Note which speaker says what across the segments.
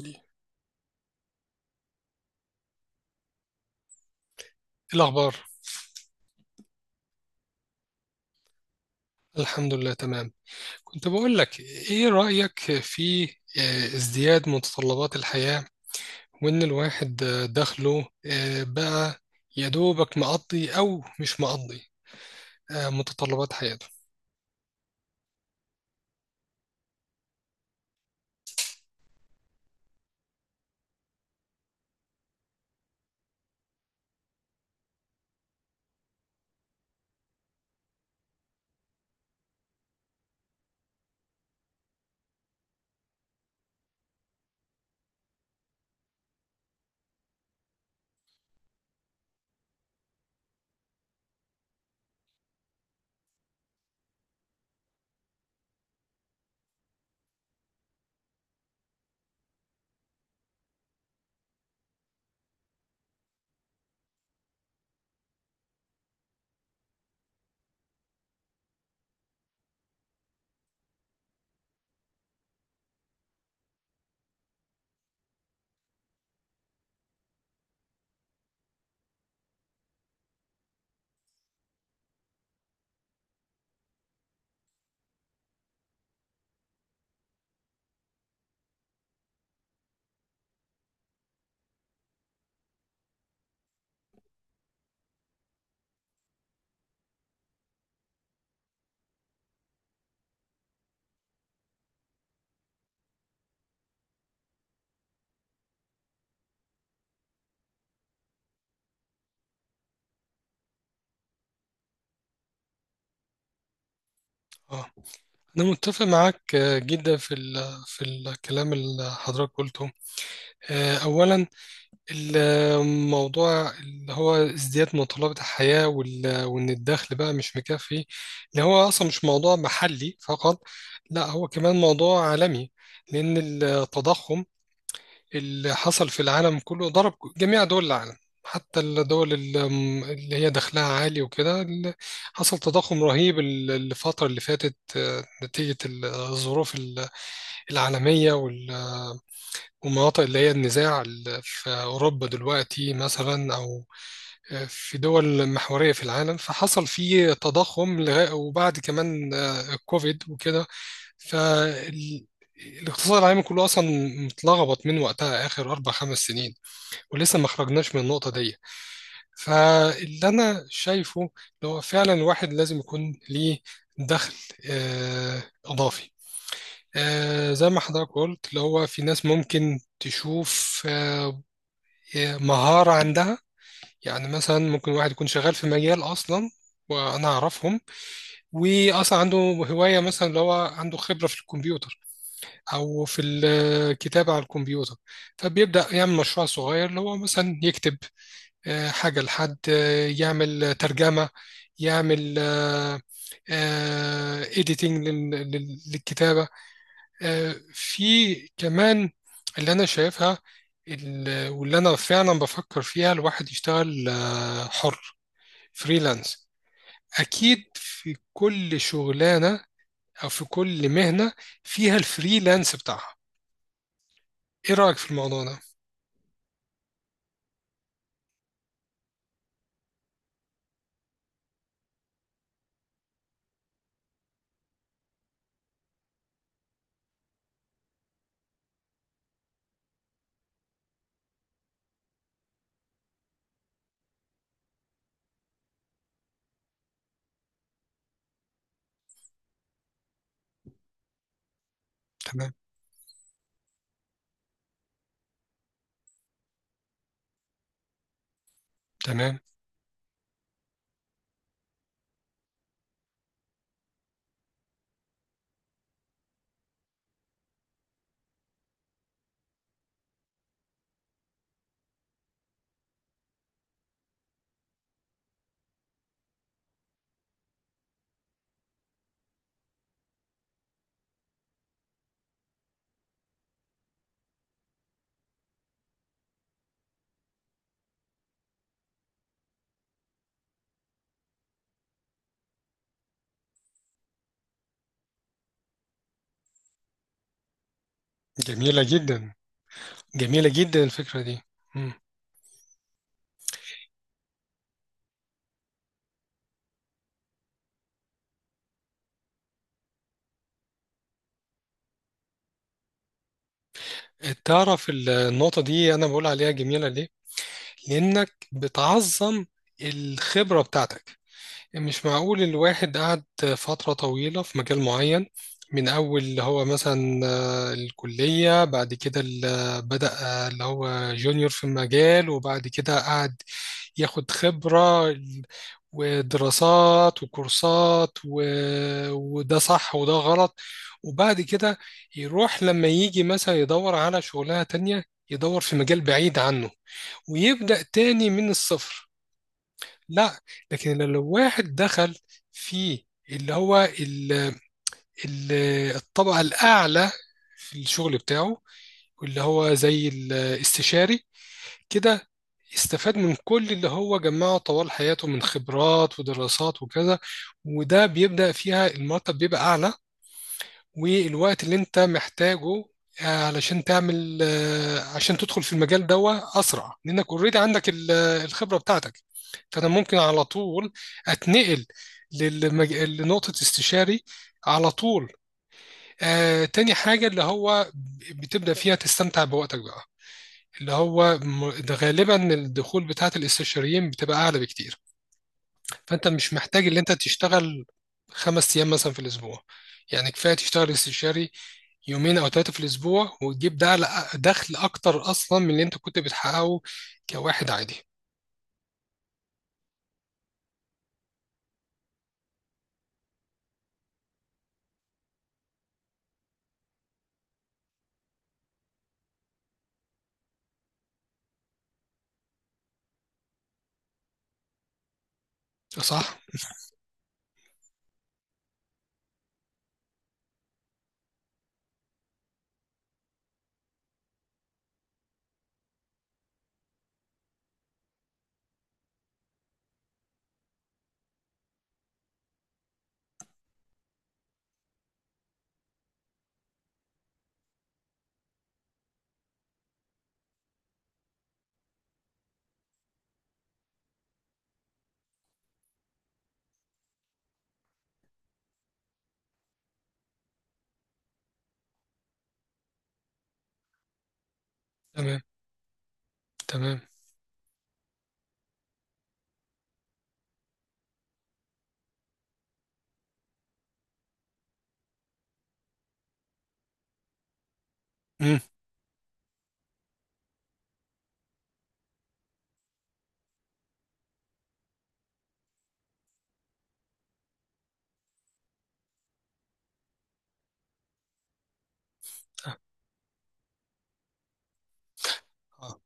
Speaker 1: إيه الأخبار؟ الحمد لله، تمام. كنت بقول لك إيه رأيك في ازدياد متطلبات الحياة، وإن الواحد دخله بقى يا دوبك مقضي أو مش مقضي، متطلبات حياته. اه، أنا متفق معاك جدا في في الكلام اللي حضرتك قلته. أولا، الموضوع اللي هو ازدياد متطلبات الحياة وإن الدخل بقى مش مكفي، اللي هو أصلا مش موضوع محلي فقط، لا هو كمان موضوع عالمي، لأن التضخم اللي حصل في العالم كله ضرب جميع دول العالم. حتى الدول اللي هي دخلها عالي وكده. حصل تضخم رهيب الفترة اللي فاتت نتيجة الظروف العالمية، ومناطق اللي هي النزاع في أوروبا دلوقتي مثلا، أو في دول محورية في العالم. فحصل فيه تضخم وبعد كمان الكوفيد وكده. فالاقتصاد العالمي كله أصلا متلخبط من وقتها، آخر 4 5 سنين، ولسه ما خرجناش من النقطة دي. فاللي أنا شايفه اللي هو فعلا الواحد لازم يكون ليه دخل إضافي، زي ما حضرتك قلت، اللي هو في ناس ممكن تشوف مهارة عندها. يعني مثلا ممكن واحد يكون شغال في مجال أصلا، وأنا أعرفهم، وأصلا عنده هواية، مثلا اللي هو عنده خبرة في الكمبيوتر أو في الكتابة على الكمبيوتر، فبيبدأ يعمل مشروع صغير اللي هو مثلا يكتب حاجة لحد، يعمل ترجمة، يعمل إيديتنج للكتابة. في كمان اللي أنا شايفها، واللي أنا فعلا بفكر فيها، الواحد يشتغل حر، فريلانس. اكيد في كل شغلانه، او في كل مهنه فيها الفريلانس بتاعها. ايه رايك في الموضوع ده؟ تمام، تمام. جميله جدا. جميله جدا الفكره دي. مم. تعرف النقطه دي انا بقول عليها جميله ليه؟ لانك بتعظم الخبره بتاعتك. مش معقول الواحد قعد فترة طويلة في مجال معين، من أول اللي هو مثلا الكلية، بعد كده بدأ اللي هو جونيور في المجال، وبعد كده قعد ياخد خبرة ودراسات وكورسات وده صح وده غلط. وبعد كده يروح لما يجي مثلا يدور على شغلانة تانية، يدور في مجال بعيد عنه، ويبدأ تاني من الصفر. لا. لكن لو واحد دخل في اللي هو ال الطبقة الأعلى في الشغل بتاعه، واللي هو زي الاستشاري كده، استفاد من كل اللي هو جمعه طوال حياته من خبرات ودراسات وكذا. وده بيبدأ فيها المرتب بيبقى أعلى، والوقت اللي انت محتاجه علشان تعمل عشان تدخل في المجال ده اسرع، لانك اوريدي عندك الخبره بتاعتك. فانا ممكن على طول اتنقل لنقطه استشاري على طول. تاني حاجه اللي هو بتبدا فيها تستمتع بوقتك بقى، اللي هو ده غالبا الدخول بتاعت الاستشاريين بتبقى اعلى بكتير. فانت مش محتاج اللي انت تشتغل 5 ايام مثلا في الاسبوع. يعني كفايه تشتغل استشاري يومين او 3 في الاسبوع، وتجيب ده دخل اكتر اصلا من اللي انت كنت بتحققه كواحد عادي، صح؟ تمام، تمام. امم. اه، اه.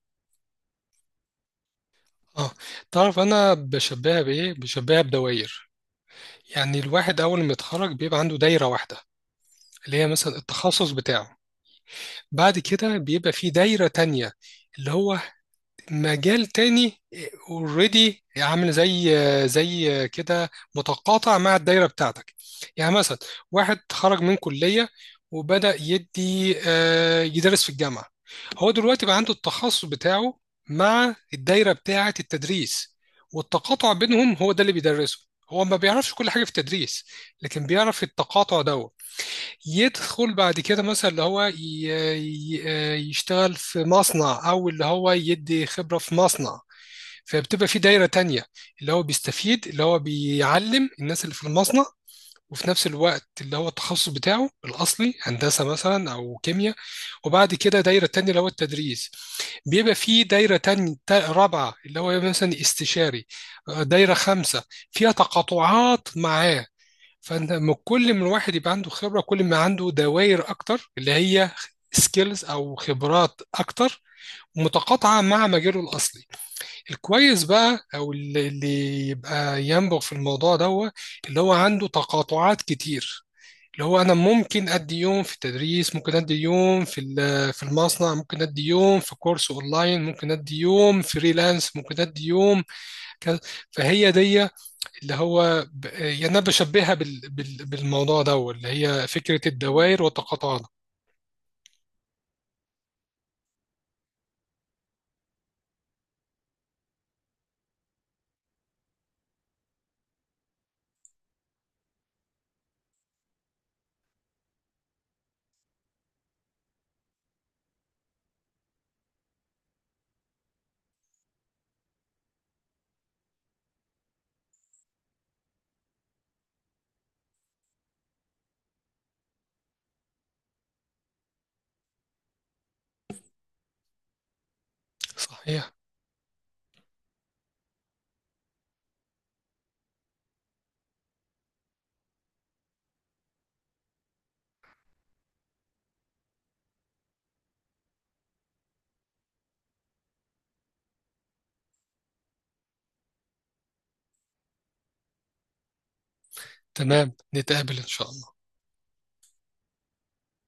Speaker 1: آه. تعرف انا بشبهها بايه؟ بشبهها بدوائر. يعني الواحد اول ما يتخرج بيبقى عنده دايره واحده اللي هي مثلا التخصص بتاعه. بعد كده بيبقى في دايره تانية اللي هو مجال تاني، اوريدي عامل زي كده، متقاطع مع الدايره بتاعتك. يعني مثلا واحد خرج من كليه، وبدأ يدي يدرس في الجامعه. هو دلوقتي بقى عنده التخصص بتاعه مع الدايره بتاعه التدريس، والتقاطع بينهم هو ده اللي بيدرسه. هو ما بيعرفش كل حاجه في التدريس، لكن بيعرف التقاطع ده. يدخل بعد كده مثلا اللي هو يشتغل في مصنع، او اللي هو يدي خبرة في مصنع، فبتبقى في دايرة تانية اللي هو بيستفيد، اللي هو بيعلم الناس اللي في المصنع، وفي نفس الوقت اللي هو التخصص بتاعه الأصلي هندسة مثلا أو كيمياء. وبعد كده دايرة تانية اللي هو التدريس. بيبقى في دايرة تانية رابعة اللي هو مثلا استشاري. دايرة خمسة فيها تقاطعات معاه. فانت كل ما الواحد يبقى عنده خبره، كل ما عنده دوائر اكتر اللي هي سكيلز او خبرات اكتر متقاطعه مع مجاله الاصلي. الكويس بقى او اللي يبقى ينبغ في الموضوع ده، اللي هو عنده تقاطعات كتير، اللي هو انا ممكن ادي يوم في التدريس، ممكن ادي يوم في المصنع، ممكن ادي يوم في كورس اونلاين، ممكن ادي يوم فريلانس، ممكن ادي يوم كذا. فهي دي اللي هو يعني أنا بشبهها بالموضوع ده اللي هي فكرة الدوائر وتقاطعنا. صحيح. تمام، نتقابل إن شاء الله.